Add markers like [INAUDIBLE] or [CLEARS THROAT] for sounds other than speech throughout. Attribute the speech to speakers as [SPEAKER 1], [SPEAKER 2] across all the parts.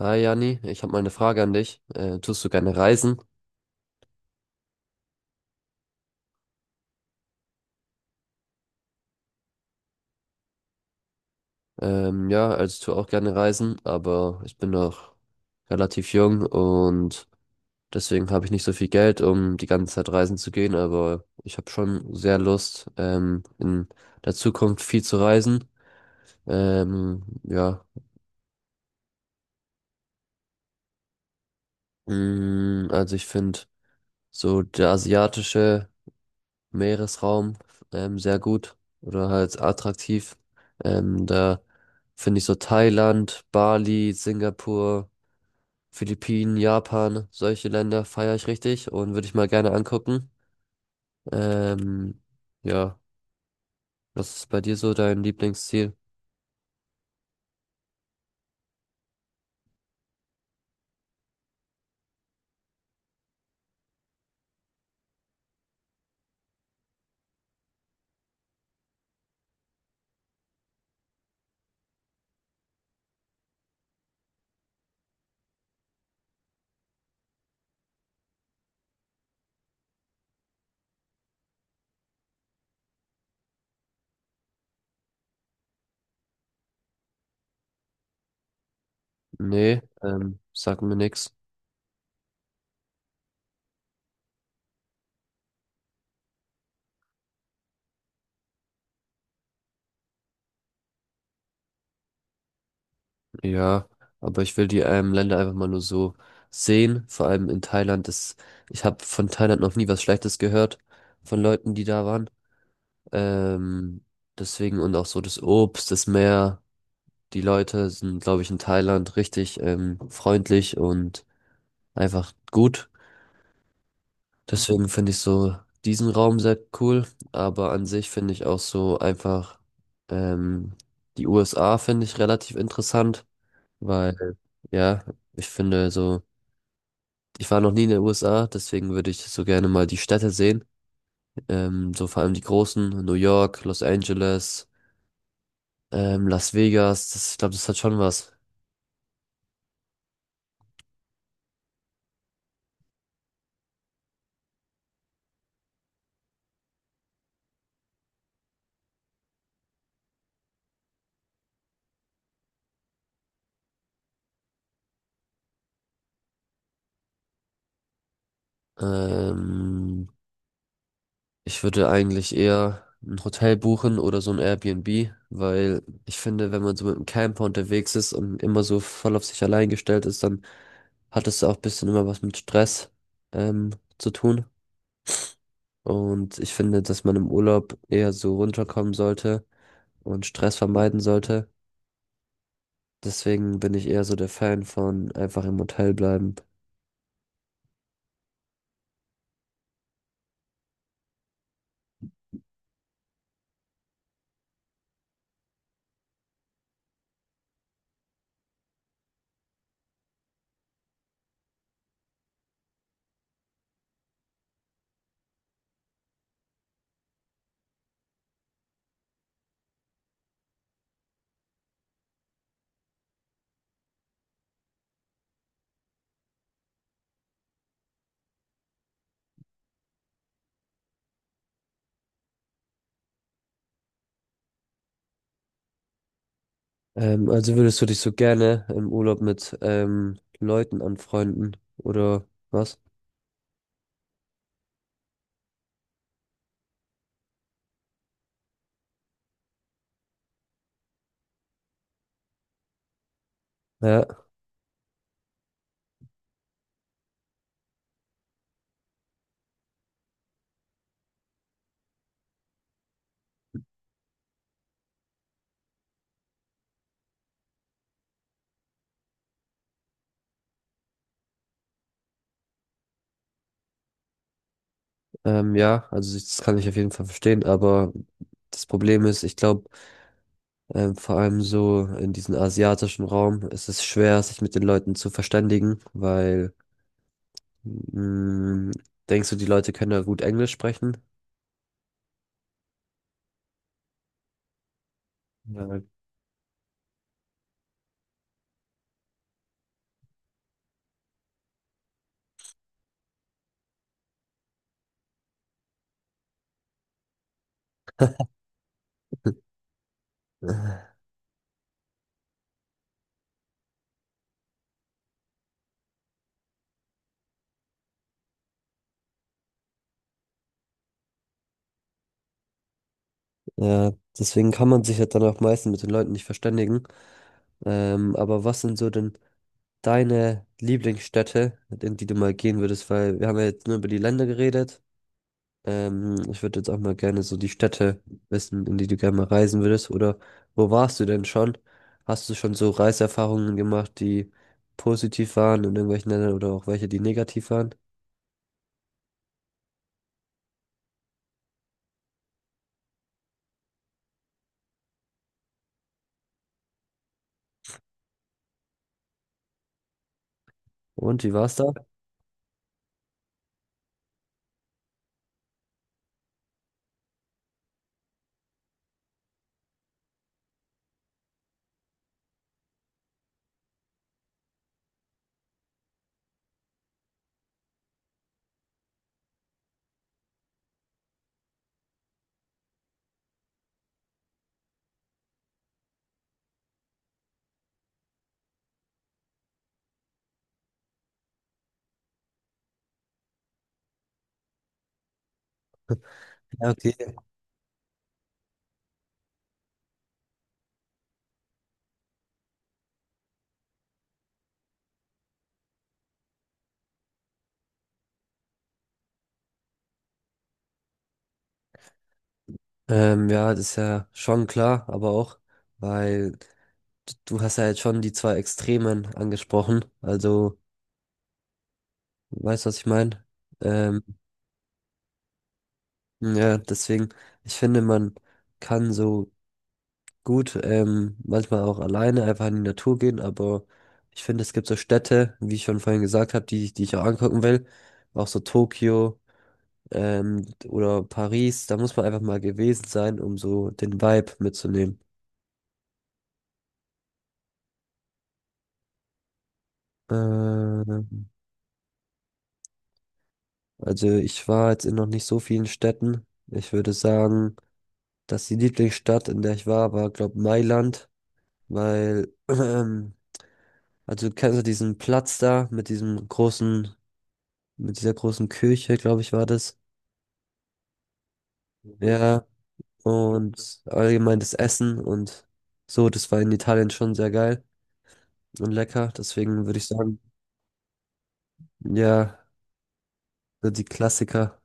[SPEAKER 1] Hi Jani, ich habe mal eine Frage an dich. Tust du gerne reisen? Ja, also ich tue auch gerne reisen, aber ich bin noch relativ jung und deswegen habe ich nicht so viel Geld, um die ganze Zeit reisen zu gehen, aber ich habe schon sehr Lust, in der Zukunft viel zu reisen. Ähm, ja, also ich finde so der asiatische Meeresraum sehr gut oder halt attraktiv. Da finde ich so Thailand, Bali, Singapur, Philippinen, Japan, solche Länder feiere ich richtig und würde ich mal gerne angucken. Ähm, ja, was ist bei dir so dein Lieblingsziel? Nee, sag mir nix. Ja, aber ich will die Länder einfach mal nur so sehen. Vor allem in Thailand, ich habe von Thailand noch nie was Schlechtes gehört von Leuten, die da waren. Ähm, Deswegen, und auch so das Obst, das Meer. Die Leute sind, glaube ich, in Thailand richtig freundlich und einfach gut. Deswegen finde ich so diesen Raum sehr cool. Aber an sich finde ich auch so einfach ähm, die USA finde ich relativ interessant, weil ja, ich finde so, ich war noch nie in den USA, deswegen würde ich so gerne mal die Städte sehen. So vor allem die großen, New York, Los Angeles. Las Vegas, das, ich glaube, das hat schon was. Ähm, Ich würde eigentlich eher ein Hotel buchen oder so ein Airbnb, weil ich finde, wenn man so mit einem Camper unterwegs ist und immer so voll auf sich allein gestellt ist, dann hat es auch ein bisschen immer was mit Stress, ähm, zu tun. Und ich finde, dass man im Urlaub eher so runterkommen sollte und Stress vermeiden sollte. Deswegen bin ich eher so der Fan von einfach im Hotel bleiben. Also würdest du dich so gerne im Urlaub mit Leuten anfreunden oder was? Ja, ja, also ich- das kann ich auf jeden Fall verstehen, aber das Problem ist, ich glaube, vor allem so in diesem asiatischen Raum ist es schwer, sich mit den Leuten zu verständigen, weil mh, denkst du, die Leute können ja gut Englisch sprechen? Ja. [LAUGHS] Ja, deswegen kann man sich ja dann auch meistens mit den Leuten nicht verständigen. Aber was sind so denn deine Lieblingsstädte, in die du mal gehen würdest, weil wir haben ja jetzt nur über die Länder geredet. Ich würde jetzt auch mal gerne so die Städte wissen, in die du gerne mal reisen würdest. Oder wo warst du denn schon? Hast du schon so Reiserfahrungen gemacht, die positiv waren in irgendwelchen Ländern oder auch welche, die negativ waren? Und wie war's da? Ja, okay. Ja, das ist ja schon klar, aber auch, weil du hast ja jetzt schon die zwei Extremen angesprochen. Also, weißt du, was ich meine? Ähm, Ja, deswegen, ich finde, man kann so gut, manchmal auch alleine einfach in die Natur gehen, aber ich finde, es gibt so Städte, wie ich schon vorhin gesagt habe, die ich auch angucken will, auch so Tokio, oder Paris, da muss man einfach mal gewesen sein, um so den Vibe mitzunehmen. Ähm, also ich war jetzt in noch nicht so vielen Städten. Ich würde sagen, dass die Lieblingsstadt, in der ich war, glaube Mailand, weil [CLEARS THROAT] also kennst du diesen Platz da mit diesem großen, mit dieser großen Kirche, glaube ich, war das. Ja, und allgemein das Essen und so, das war in Italien schon sehr geil und lecker. Deswegen würde ich sagen, ja, so die Klassiker.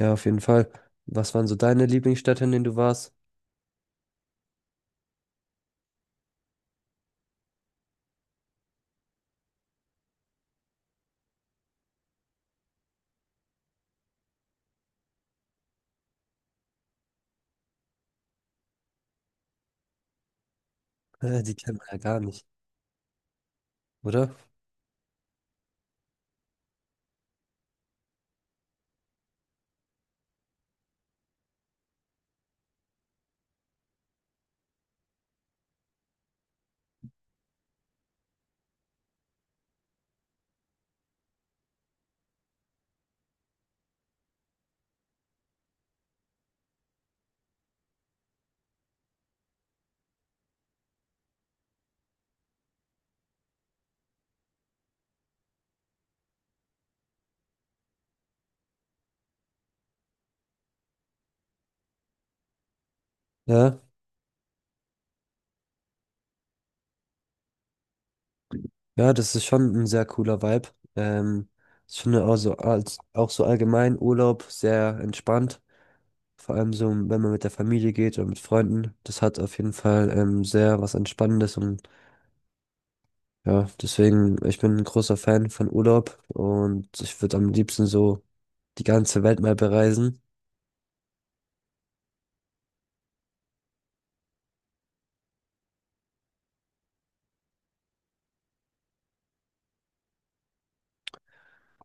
[SPEAKER 1] Ja, auf jeden Fall. Was waren so deine Lieblingsstädte, in denen du warst? Die kennt man ja gar nicht, oder? Ja, ja, das ist schon ein sehr cooler Vibe. Ähm, Ich finde auch so, als, auch so allgemein Urlaub sehr entspannt. Vor allem so, wenn man mit der Familie geht oder mit Freunden. Das hat auf jeden Fall sehr was Entspannendes und ja, deswegen, ich bin ein großer Fan von Urlaub und ich würde am liebsten so die ganze Welt mal bereisen.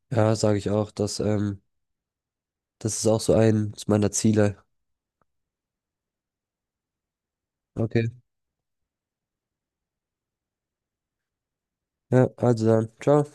[SPEAKER 1] Ja, sage ich auch, dass, das ist auch so eins meiner Ziele. Okay. Ja, also dann, ciao.